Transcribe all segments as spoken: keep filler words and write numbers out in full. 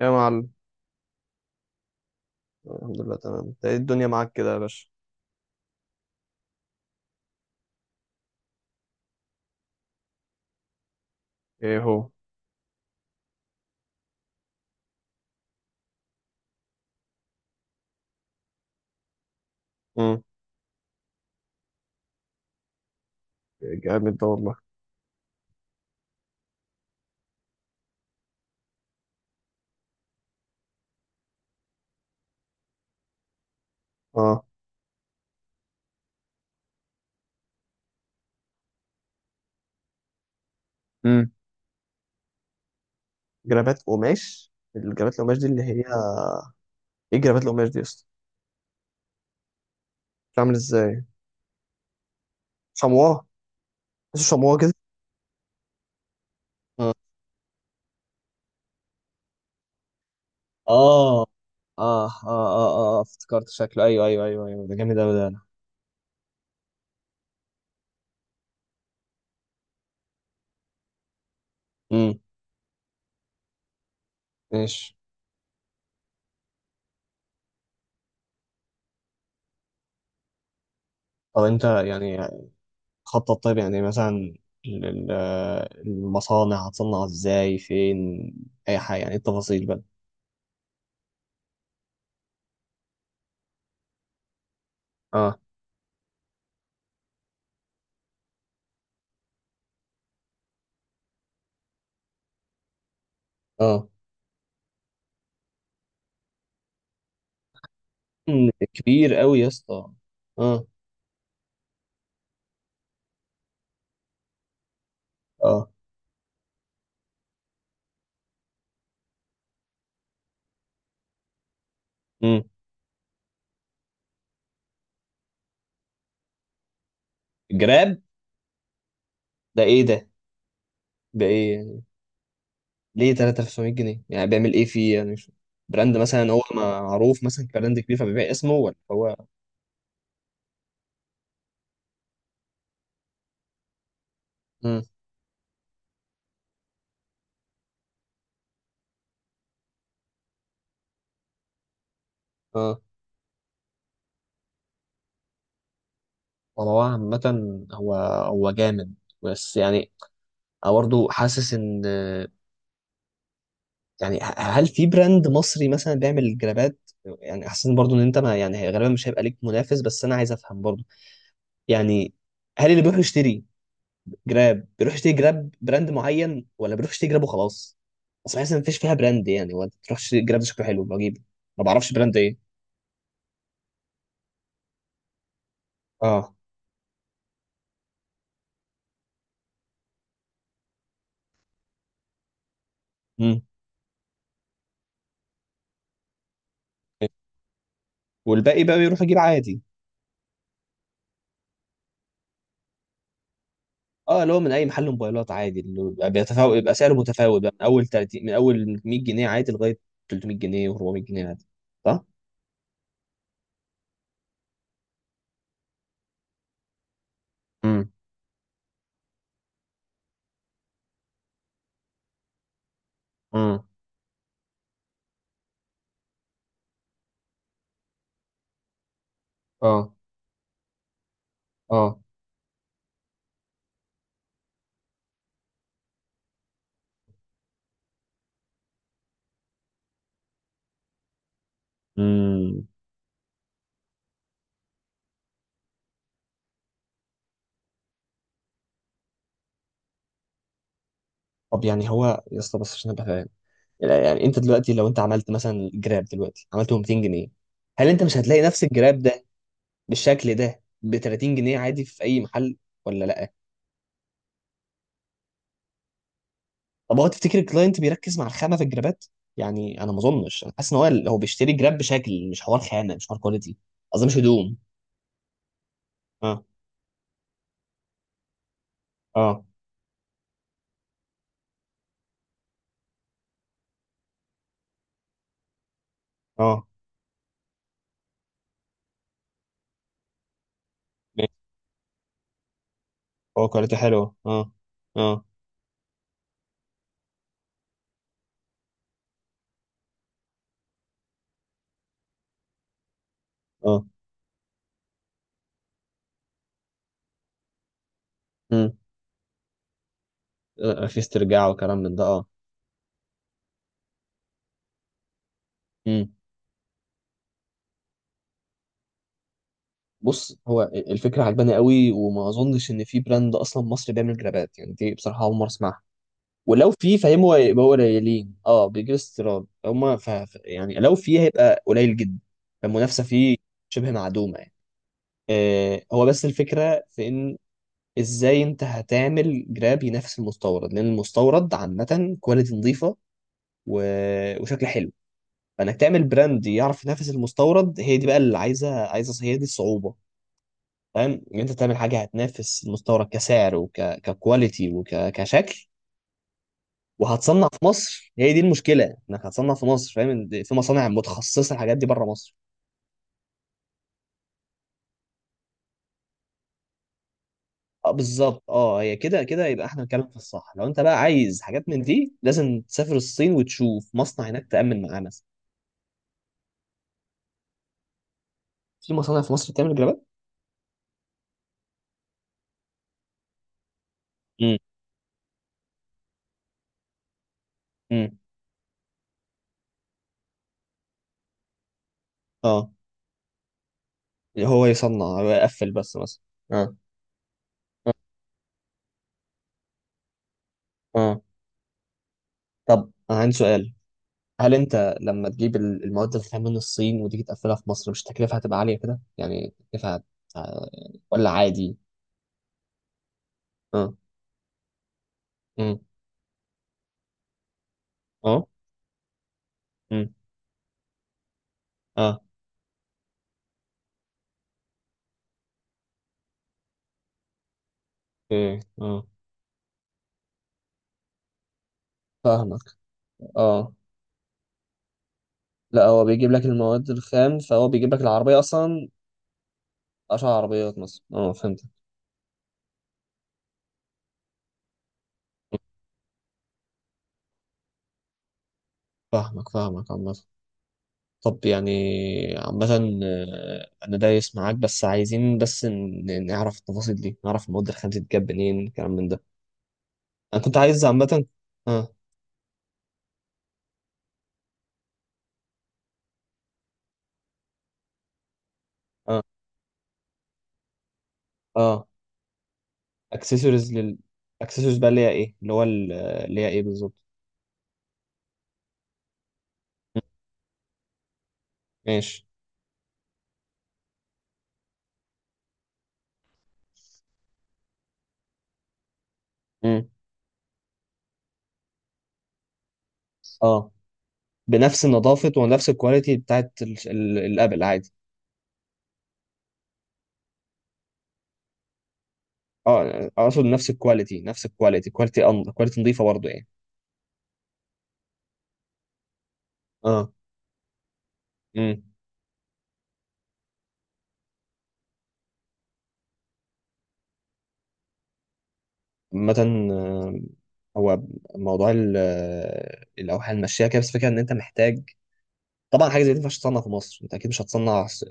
يا معلم. الحمد لله، تمام. انت ايه الدنيا معاك كده يا باشا؟ ايه هو؟ امم. جامد ده والله. اه. امم. جرابات قماش، الجرابات القماش دي اللي هي ايه جرابات القماش دي يا اسطى؟ بتعمل ازاي؟ شمواه؟ بس شمواه كده؟ اه اه اه اه اه اه، افتكرت شكله، ايوه ايوه ايوه ايوه، ده جامد اوي ده، انا. امم. ماشي. طب انت يعني خطط؟ طيب يعني مثلا ال- ال- المصانع هتصنع ازاي، فين؟ اي حاجه يعني، إيه التفاصيل بقى؟ اه اه، مم، كبير قوي يا اسطى. اه اه. امم. جراب؟ ده ايه ده؟ ده ايه يعني؟ ليه ثلاثة آلاف وسبعمائة جنيه؟ يعني بيعمل ايه فيه يعني؟ مش براند مثلا هو معروف، مثلا، كبراند كبير فبيبيع اسمه، ولا هو؟ امم. اه. ولا هو عامة. هو هو جامد، بس يعني انا برضه حاسس ان، يعني ه- هل في براند مصري مثلا بيعمل جرابات؟ يعني حاسس برضه ان انت، ما يعني غالبا مش هيبقى ليك منافس، بس انا عايز افهم برضه. يعني هل اللي بيروح يشتري جراب بيروح يشتري جراب براند معين، ولا بيروح يشتري جراب وخلاص؟ اصل بحس ان مفيش فيها براند يعني، ولا تروح تشتري جراب ده شكله حلو بجيبه. ما بعرفش براند ايه. اه. امم. والباقي بقى بيروح يجيب عادي. اه، اللي هو من اي محل موبايلات عادي، اللي بيبقى بيتفاوت، يبقى سعره متفاوت بقى من اول تلاتين، من اول مية جنيه عادي لغايه تلتمية جنيه و400 جنيه عادي. صح؟ امم. امم. اه اه. امم. طب يعني هو يا اسطى، بس عشان ابقى فاهم، لا، يعني انت دلوقتي لو انت عملت مثلا جراب دلوقتي عملته ميتين جنيه، هل انت مش هتلاقي نفس الجراب ده بالشكل ده ب تلاتين جنيه عادي في اي محل، ولا لا؟ طب هو تفتكر الكلاينت بيركز مع الخامه في الجرابات؟ يعني انا ما اظنش، انا حاسس ان هو هو بيشتري جراب بشكل، مش حوار خامه، مش حوار كواليتي. قصدي مش هدوم. اه اه اه. ماشي. هو كواليتي حلوه اه. اه اه. امم. في استرجاع وكلام من ده. اه، بص، هو الفكره عجباني قوي، وما اظنش ان في براند اصلا مصري بيعمل جرابات، يعني دي بصراحه اول مره اسمعها. ولو في، فاهم، هو يبقى هو قليلين، اه، بيجيب استيراد هما، ف... ف- يعني لو في هيبقى قليل جدا. فالمنافسه فيه شبه معدومه يعني. آه، هو بس الفكره في ان، ازاي انت هتعمل جراب ينافس المستورد؟ لان المستورد عامه كواليتي نظيفه و... وشكل حلو. فانك تعمل براند يعرف ينافس المستورد، هي دي بقى اللي عايزه عايزه، هي دي الصعوبه. فاهم، ان انت تعمل حاجه هتنافس المستورد كسعر وككواليتي وكشكل، وهتصنع في مصر، هي دي المشكله. انك هتصنع في مصر، فاهم إن في مصانع متخصصه الحاجات دي بره مصر. اه بالظبط. اه، هي كده كده يبقى احنا بنتكلم في الصح. لو انت بقى عايز حاجات من دي لازم تسافر الصين وتشوف مصنع هناك، تامن معاه مثلا. في مصانع في مصر بتعمل جرابات؟ امم. امم. اه، هو يصنع، هو يقفل بس مثلا. اه اه. آه. طب انا عندي سؤال، هل انت لما تجيب ال- المواد الخام من الصين، وتيجي تقفلها في مصر، مش التكلفه هتبقى عاليه كده؟ يعني التكلفه هت- ولا عادي؟ اه. امم. اه. امم. اه. ايه اه. فاهمك. اه، لا هو بيجيب لك المواد الخام، فهو بيجيب لك العربيه اصلا. اشهر عربيات مصر، اه، فهمت. فاهمك، فاهمك. عامة، طب يعني، عامة، آه، أنا دايس معاك، بس عايزين بس ن- ن- نعرف التفاصيل دي، نعرف المواد الخام دي بتتجاب منين، الكلام من ده. أنا كنت عايز عامة. آه. آه. آه. اكسسوارز لل، اكسسوارز بقى اللي هي ايه، اللي هو ال- اللي هي ايه بالظبط؟ مم. ماشي. مم. اه، بنفس النظافة ونفس الكواليتي بتاعت ال- ال- الابل عادي؟ اه، اقصد نفس الكواليتي، نفس الكواليتي، كواليتي أن... كواليتي نظيفة برضه يعني. اه. مم. عامة، آه، هو موضوع ال- آه، الأوحال المشية كده، بس الفكرة إن أنت محتاج، طبعا حاجة زي دي ما ينفعش تصنع في مصر. أنت أكيد مش هتصنع س-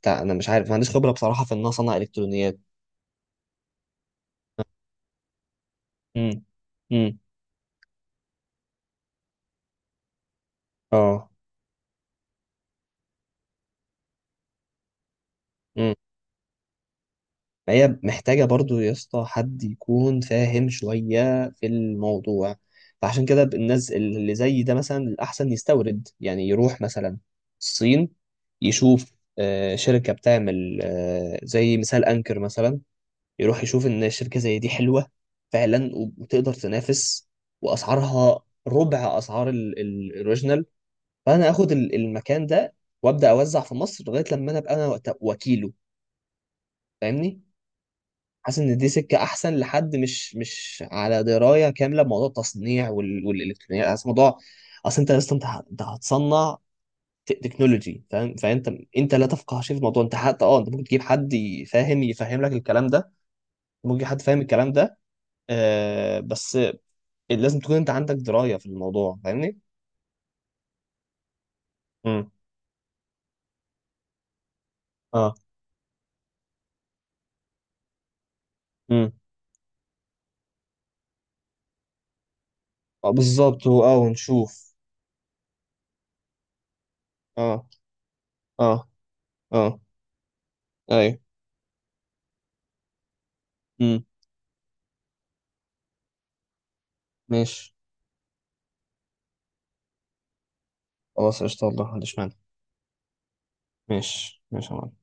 بتاع، أنا مش عارف، ما عنديش خبرة بصراحة في إن أنا أصنع إلكترونيات. امم. امم. اه. فهي محتاجة برضو يا اسطى حد يكون فاهم شوية في الموضوع. فعشان كده الناس اللي زي ده مثلا الأحسن يستورد، يعني يروح مثلا الصين، يشوف آه، شركة بتعمل آه، زي مثال أنكر مثلا، يروح يشوف إن الشركة زي دي حلوة فعلا، وتقدر تنافس، وأسعارها ربع أسعار ال- ال- الأوريجينال. فأنا آخد ال- المكان ده، وأبدأ أوزع في مصر لغاية لما أنا أبقى أنا وقت- وكيله. فاهمني؟ حاسس ان دي سكه احسن، لحد مش مش على درايه كامله بموضوع التصنيع وال... والالكترونيات، حاسس موضوع. اصل انت لسه انت ه- انت هتصنع ت- تكنولوجي، فاهم؟ فانت، انت لا تفقه شيء في الموضوع، انت حتى اه انت ممكن تجيب حد يفهم، يفهم لك الكلام ده، ممكن تجيب حد فاهم الكلام ده. آه بس لازم تكون انت عندك درايه في الموضوع، فاهمني؟ امم. اه. امم. آه بالظبط، و- اه، ونشوف. اه اه اه. ايوه. امم. ماشي. خلاص قشطه، والله ما عنديش مانع. ماشي ماشي يا معلم.